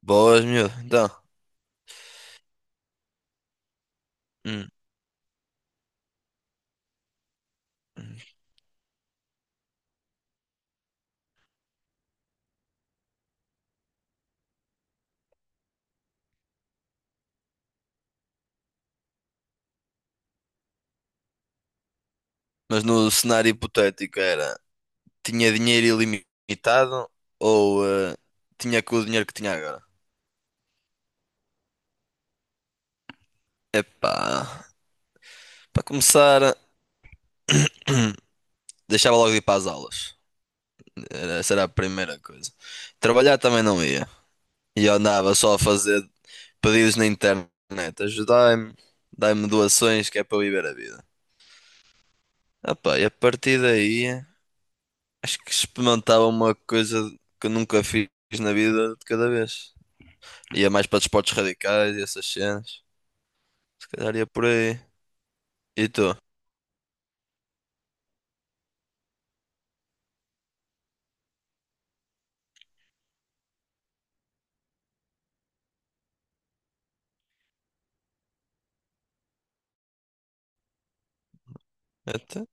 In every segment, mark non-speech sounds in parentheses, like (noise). Boas, miúdo. Então. hum. hum. Mas no cenário hipotético era: tinha dinheiro ilimitado ou tinha com o dinheiro que tinha agora? Epá, para começar, deixava logo de ir para as aulas. Essa era a primeira coisa. Trabalhar também não ia. E eu andava só a fazer pedidos na internet. Ajudai-me, dai-me doações que é para eu viver a vida. Epá, e a partir daí, acho que experimentava uma coisa que eu nunca fiz na vida de cada vez. Ia mais para desportos radicais e essas cenas. Se calhar ia por aí. E tu? Então.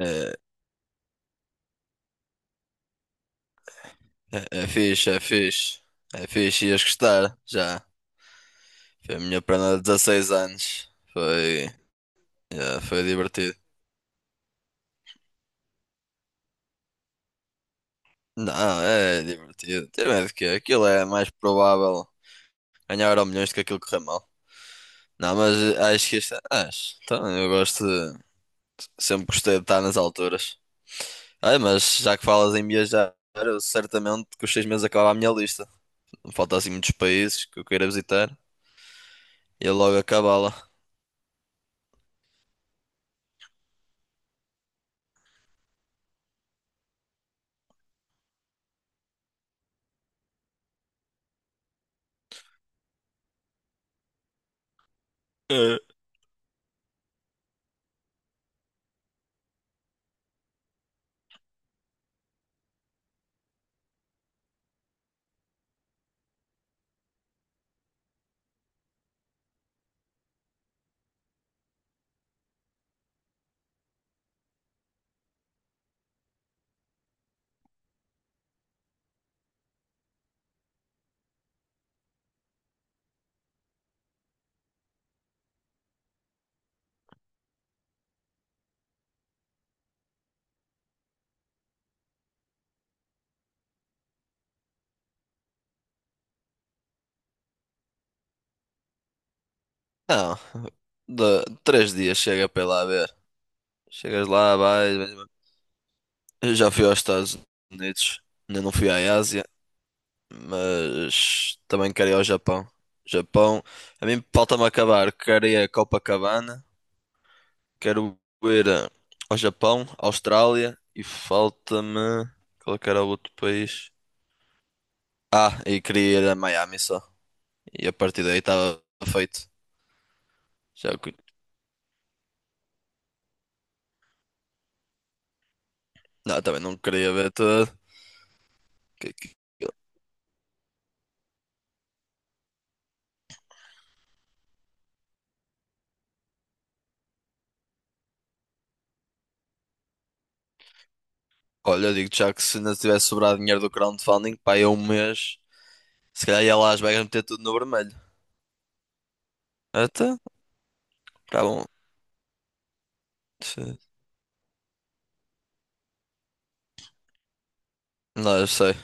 É, é fixe, é fixe. É fixe, ias gostar, já. Foi a minha prenda de 16 anos. Foi, já, foi divertido. Não, é divertido. Tem medo que aquilo é mais provável ganhar Euro milhões do que aquilo correr mal. Não, mas acho que isto é. Acho. Então, eu gosto de. Sempre gostei de estar nas alturas. Ah, mas já que falas em viajar, eu certamente que os seis meses acabava a minha lista. Não falta assim muitos países que eu queira visitar. E eu logo acabá-la. Eh, Não, de, três dias chega para ir lá ver. Chegas lá, vais. Vais. Eu já fui aos Estados Unidos, ainda não fui à Ásia, mas também quero ir ao Japão. Japão, a mim falta-me acabar. Quero ir a Copacabana, quero ir ao Japão, Austrália e falta-me. Qual é que era o outro país? Ah, e queria ir a Miami só. E a partir daí estava feito. Já. Não, também não queria ver toda. que- que- Olha, digo já que se ainda tivesse sobrado dinheiro do crowdfunding, pá, ia um mês, se calhar ia lá às Vegas meter tudo no vermelho. Até, tá bom. Sim. Não, eu sei.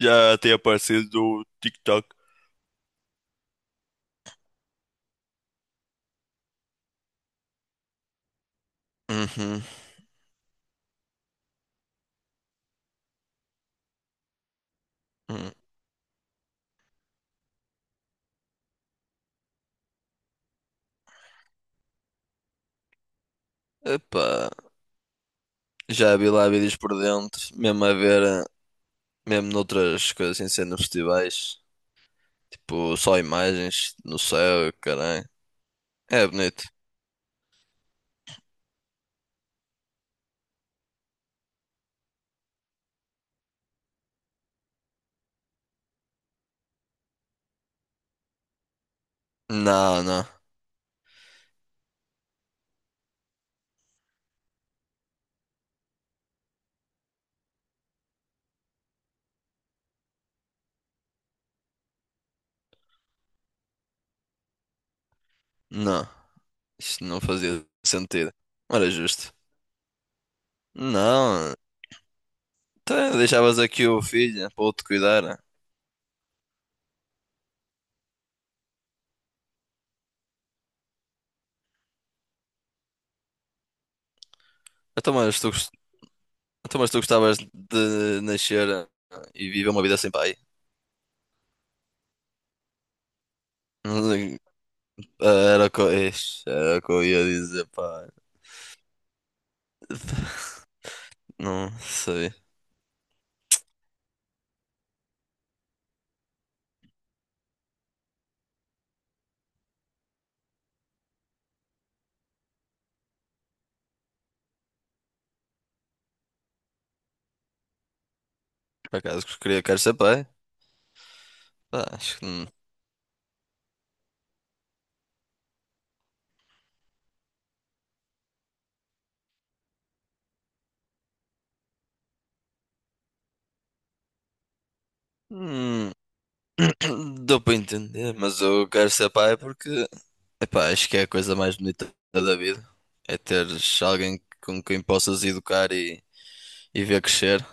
Já tem aparecido do TikTok. Uhum. Uhum. Epá, já vi lá vídeos por dentro, mesmo a ver, mesmo noutras coisas sem ser nos festivais, tipo só imagens no céu, caralho. É bonito. Não, não, não. Isto não fazia sentido. Não era justo. Não, então deixavas aqui o filho para ele te cuidar. Então, mas tu, gost- então, mas tu gostavas de nascer e viver uma vida sem pai? (laughs) Não- Era o que, ixi, era o que eu ia dizer, pá. (laughs) Não sei. Por acaso que queria, quero ser pai? Pá, acho que não. Hum, (coughs) (clears throat) dou para entender, mas eu quero ser pai porque, epá, acho que é a coisa mais bonita da vida. É teres alguém com quem possas educar e ver crescer.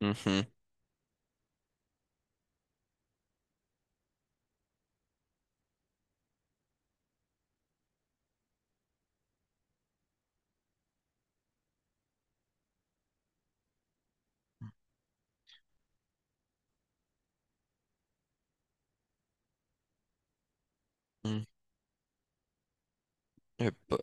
Uhum. Hum. Epá.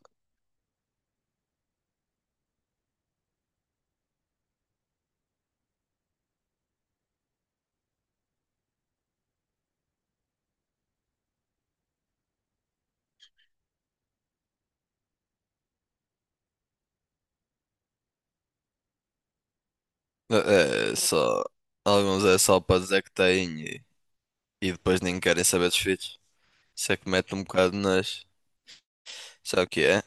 É é só. Alguns é só para dizer que têm e depois nem querem saber dos filhos. Isso é que mete um bocado nas. Sabe o que é?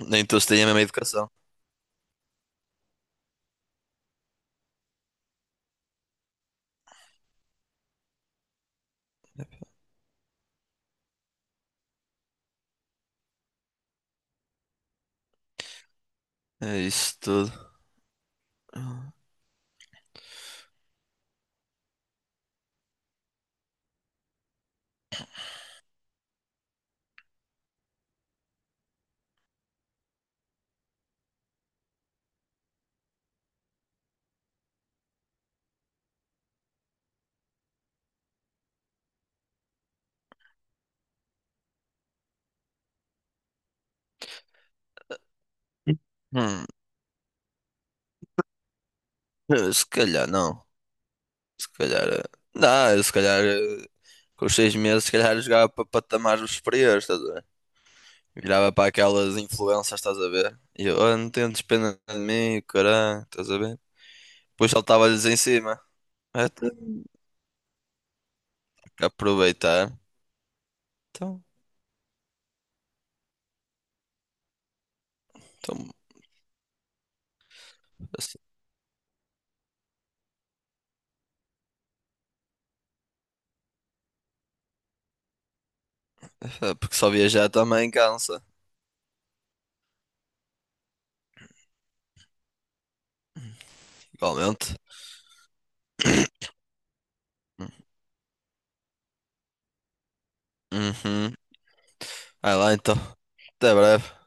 Nem todos têm a mesma educação. É isso tudo. Hum, Se calhar não. Se calhar. Eh, Não, eu se calhar. Eh, Com os seis meses, se calhar eu jogava para patamares superiores, estás a ver? Virava para aquelas influências, estás a ver? E eu, oh, não tentes pena de mim, caralho, estás a ver? Depois saltava-lhes em cima. Até aproveitar. Então, então, assim, é porque só viajar também cansa. Igualmente. Uhum. Vai lá então. Até breve.